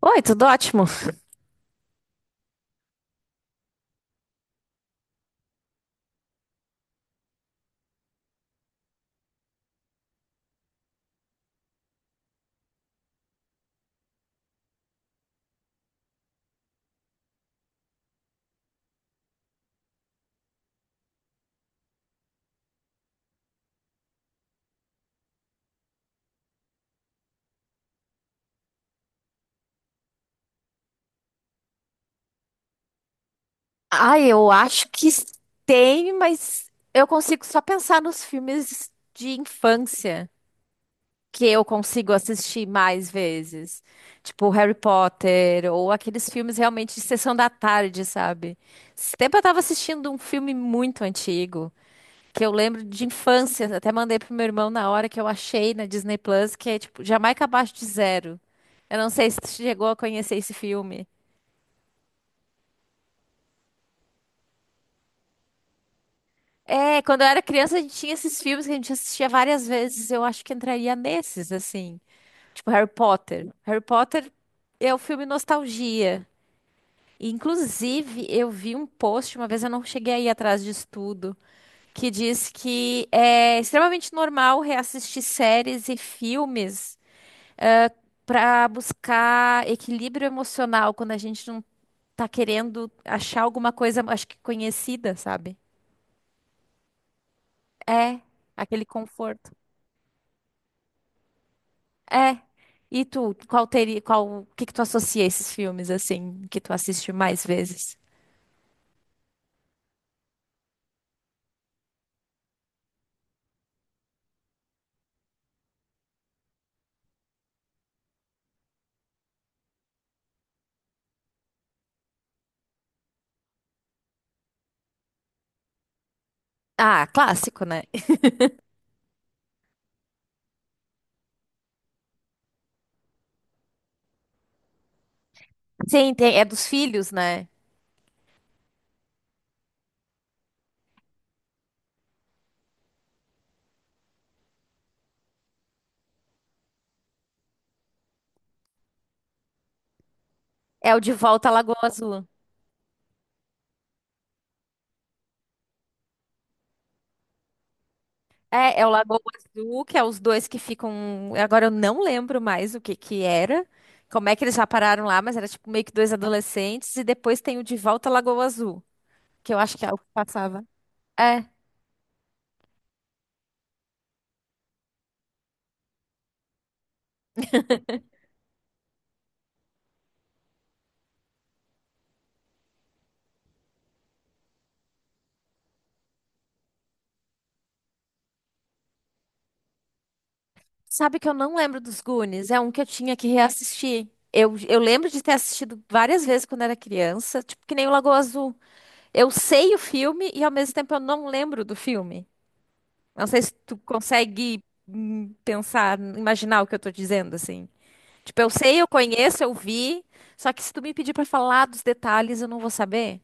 Oi, tudo ótimo? Ai, eu acho que tem, mas eu consigo só pensar nos filmes de infância que eu consigo assistir mais vezes. Tipo Harry Potter ou aqueles filmes realmente de sessão da tarde, sabe? Esse tempo eu tava assistindo um filme muito antigo, que eu lembro de infância, até mandei pro meu irmão na hora que eu achei na Disney Plus, que é tipo Jamaica Abaixo de Zero. Eu não sei se tu chegou a conhecer esse filme. É, quando eu era criança, a gente tinha esses filmes que a gente assistia várias vezes. Eu acho que entraria nesses, assim. Tipo Harry Potter. Harry Potter é o filme nostalgia. E, inclusive, eu vi um post, uma vez, eu não cheguei a ir atrás disso tudo, que diz que é extremamente normal reassistir séries e filmes para buscar equilíbrio emocional quando a gente não tá querendo achar alguma coisa, acho que conhecida, sabe? É, aquele conforto. É. E tu, qual teria, qual, o que que tu associa a esses filmes assim que tu assiste mais vezes? Ah, clássico, né? Sim, tem, é dos filhos, né? É o De Volta à Lagoa Azul. É, é o Lagoa Azul, que é os dois que ficam. Agora eu não lembro mais o que que era, como é que eles já pararam lá, mas era tipo meio que dois adolescentes, e depois tem o De Volta à Lagoa Azul, que eu acho que é o que passava. É. Sabe que eu não lembro dos Goonies? É um que eu tinha que reassistir. Eu lembro de ter assistido várias vezes quando era criança, tipo que nem o Lagoa Azul. Eu sei o filme e ao mesmo tempo eu não lembro do filme. Não sei se tu consegue pensar, imaginar o que eu tô dizendo, assim. Tipo, eu sei, eu conheço, eu vi, só que se tu me pedir pra falar dos detalhes, eu não vou saber.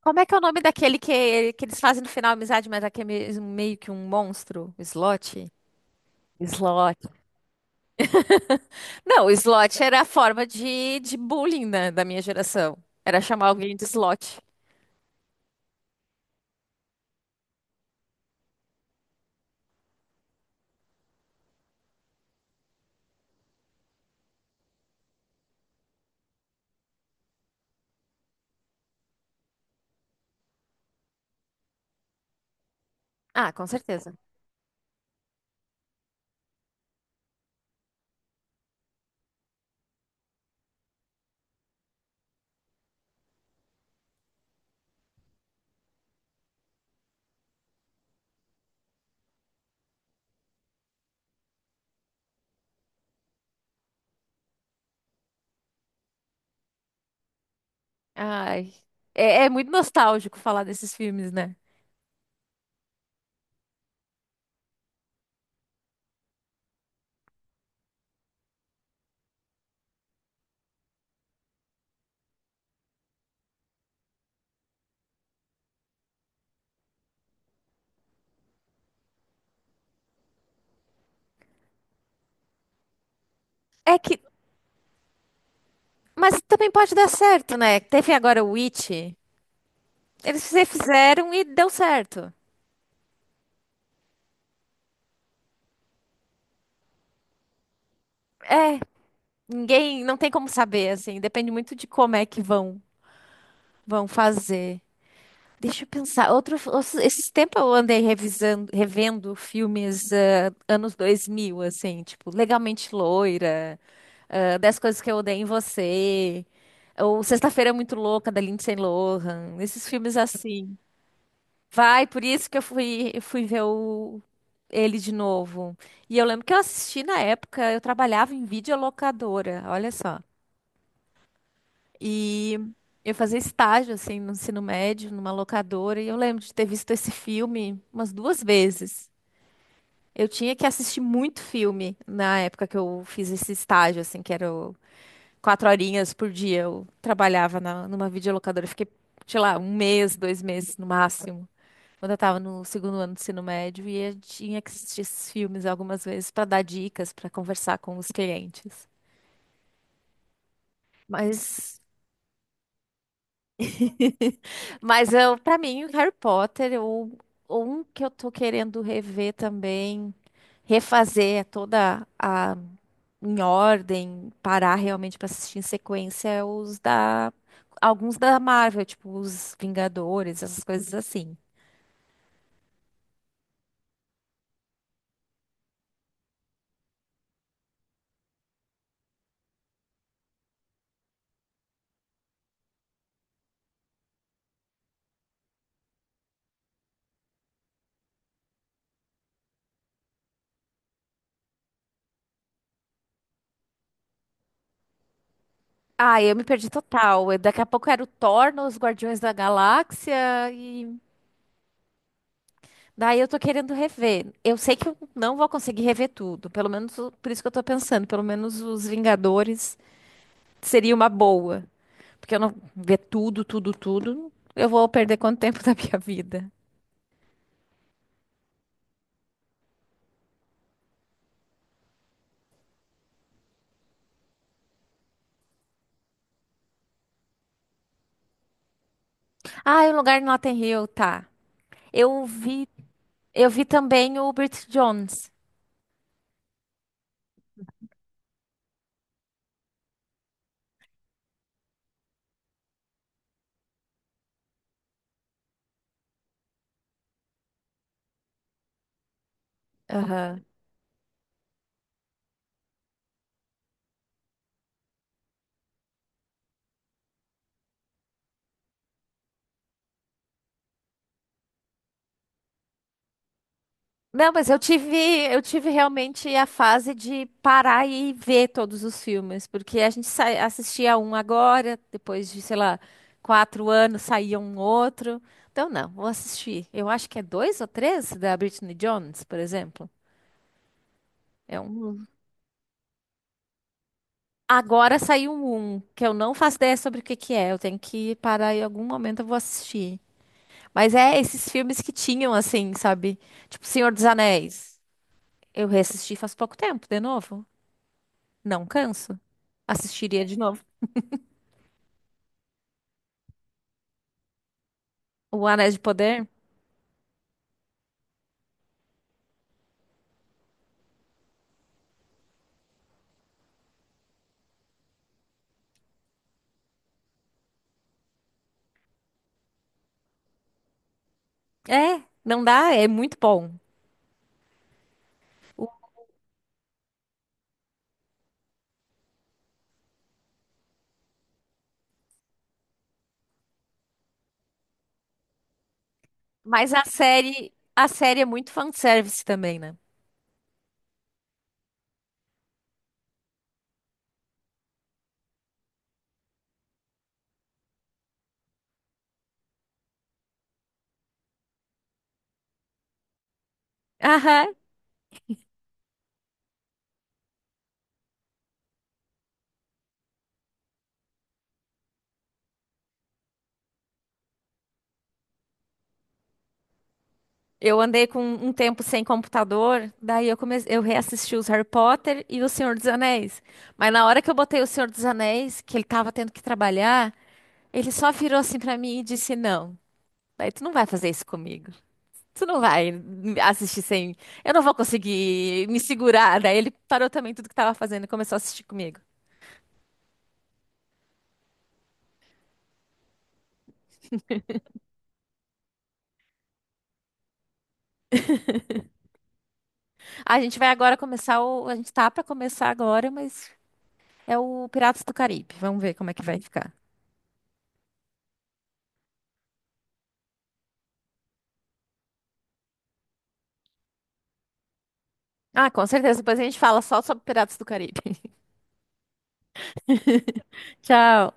Como é que é o nome daquele que eles fazem no final amizade, mas aquele é meio que um monstro? Slot? Slot. Não, o slot era a forma de bullying, né, da minha geração. Era chamar alguém de slot. Ah, com certeza. Ai, é, é muito nostálgico falar desses filmes, né? É que, mas também pode dar certo, né? Teve agora o Witch. Fizeram e deu certo. É, ninguém, não tem como saber, assim. Depende muito de como é que vão, vão fazer. Deixa eu pensar. Outro, outro- esses tempos eu andei revisando, revendo filmes, ah, anos 2000, assim, tipo, Legalmente Loira, ah, 10 Coisas que Eu Odeio em Você, ou Sexta-feira é Muito Louca, da Lindsay Lohan, esses filmes assim. Vai, por isso que eu fui ver o, ele de novo. E eu lembro que eu assisti na época, eu trabalhava em videolocadora, olha só. E eu fazia estágio, assim, no ensino médio, numa locadora, e eu lembro de ter visto esse filme umas duas vezes. Eu tinha que assistir muito filme na época que eu fiz esse estágio, assim, que era o- quatro horinhas por dia. Eu trabalhava na, numa videolocadora. Eu fiquei, sei lá, um mês, dois meses no máximo, quando eu tava no segundo ano do ensino médio, e eu tinha que assistir esses filmes algumas vezes para dar dicas, para conversar com os clientes. Mas Mas eu, para mim, o Harry Potter, o um que eu tô querendo rever também, refazer é toda a em ordem, parar realmente pra assistir em sequência é os da, alguns da Marvel, tipo os Vingadores, essas coisas assim. Ah, eu me perdi total. Eu- Daqui a pouco era o Thor nos Guardiões da Galáxia e daí eu tô querendo rever. Eu sei que eu não vou conseguir rever tudo, pelo menos o- por isso que eu tô pensando, pelo menos os Vingadores seria uma boa. Porque eu não ver tudo, eu vou perder quanto tempo da minha vida. Ah, e o lugar no Notting Hill, tá. Eu vi, eu vi também o Bridget Jones. Aham. Não, mas eu tive realmente a fase de parar e ver todos os filmes, porque a gente sai- assistia um agora, depois de, sei lá, quatro anos saía um outro. Então, não, vou assistir. Eu acho que é dois ou três da Britney Jones, por exemplo. É um. Agora saiu um que eu não faço ideia sobre o que que é. Eu tenho que parar, em algum momento eu vou assistir. Mas é esses filmes que tinham assim, sabe? Tipo Senhor dos Anéis. Eu reassisti faz pouco tempo, de novo. Não canso. Assistiria de novo. O Anéis de Poder? É, não dá, é muito bom. O- Mas a série é muito fanservice também, né? Aham. Eu andei com um tempo sem computador, daí eu comecei, eu reassisti os Harry Potter e o Senhor dos Anéis. Mas na hora que eu botei o Senhor dos Anéis, que ele tava tendo que trabalhar, ele só virou assim pra mim e disse: "Não, daí tu não vai fazer isso comigo. Tu não vai me assistir sem, eu não vou conseguir me segurar". Daí ele parou também tudo que tava fazendo e começou a assistir comigo. A gente vai agora começar o, a gente tá pra começar agora, mas é o Piratas do Caribe. Vamos ver como é que vai ficar. Ah, com certeza. Depois a gente fala só sobre Piratas do Caribe. Tchau.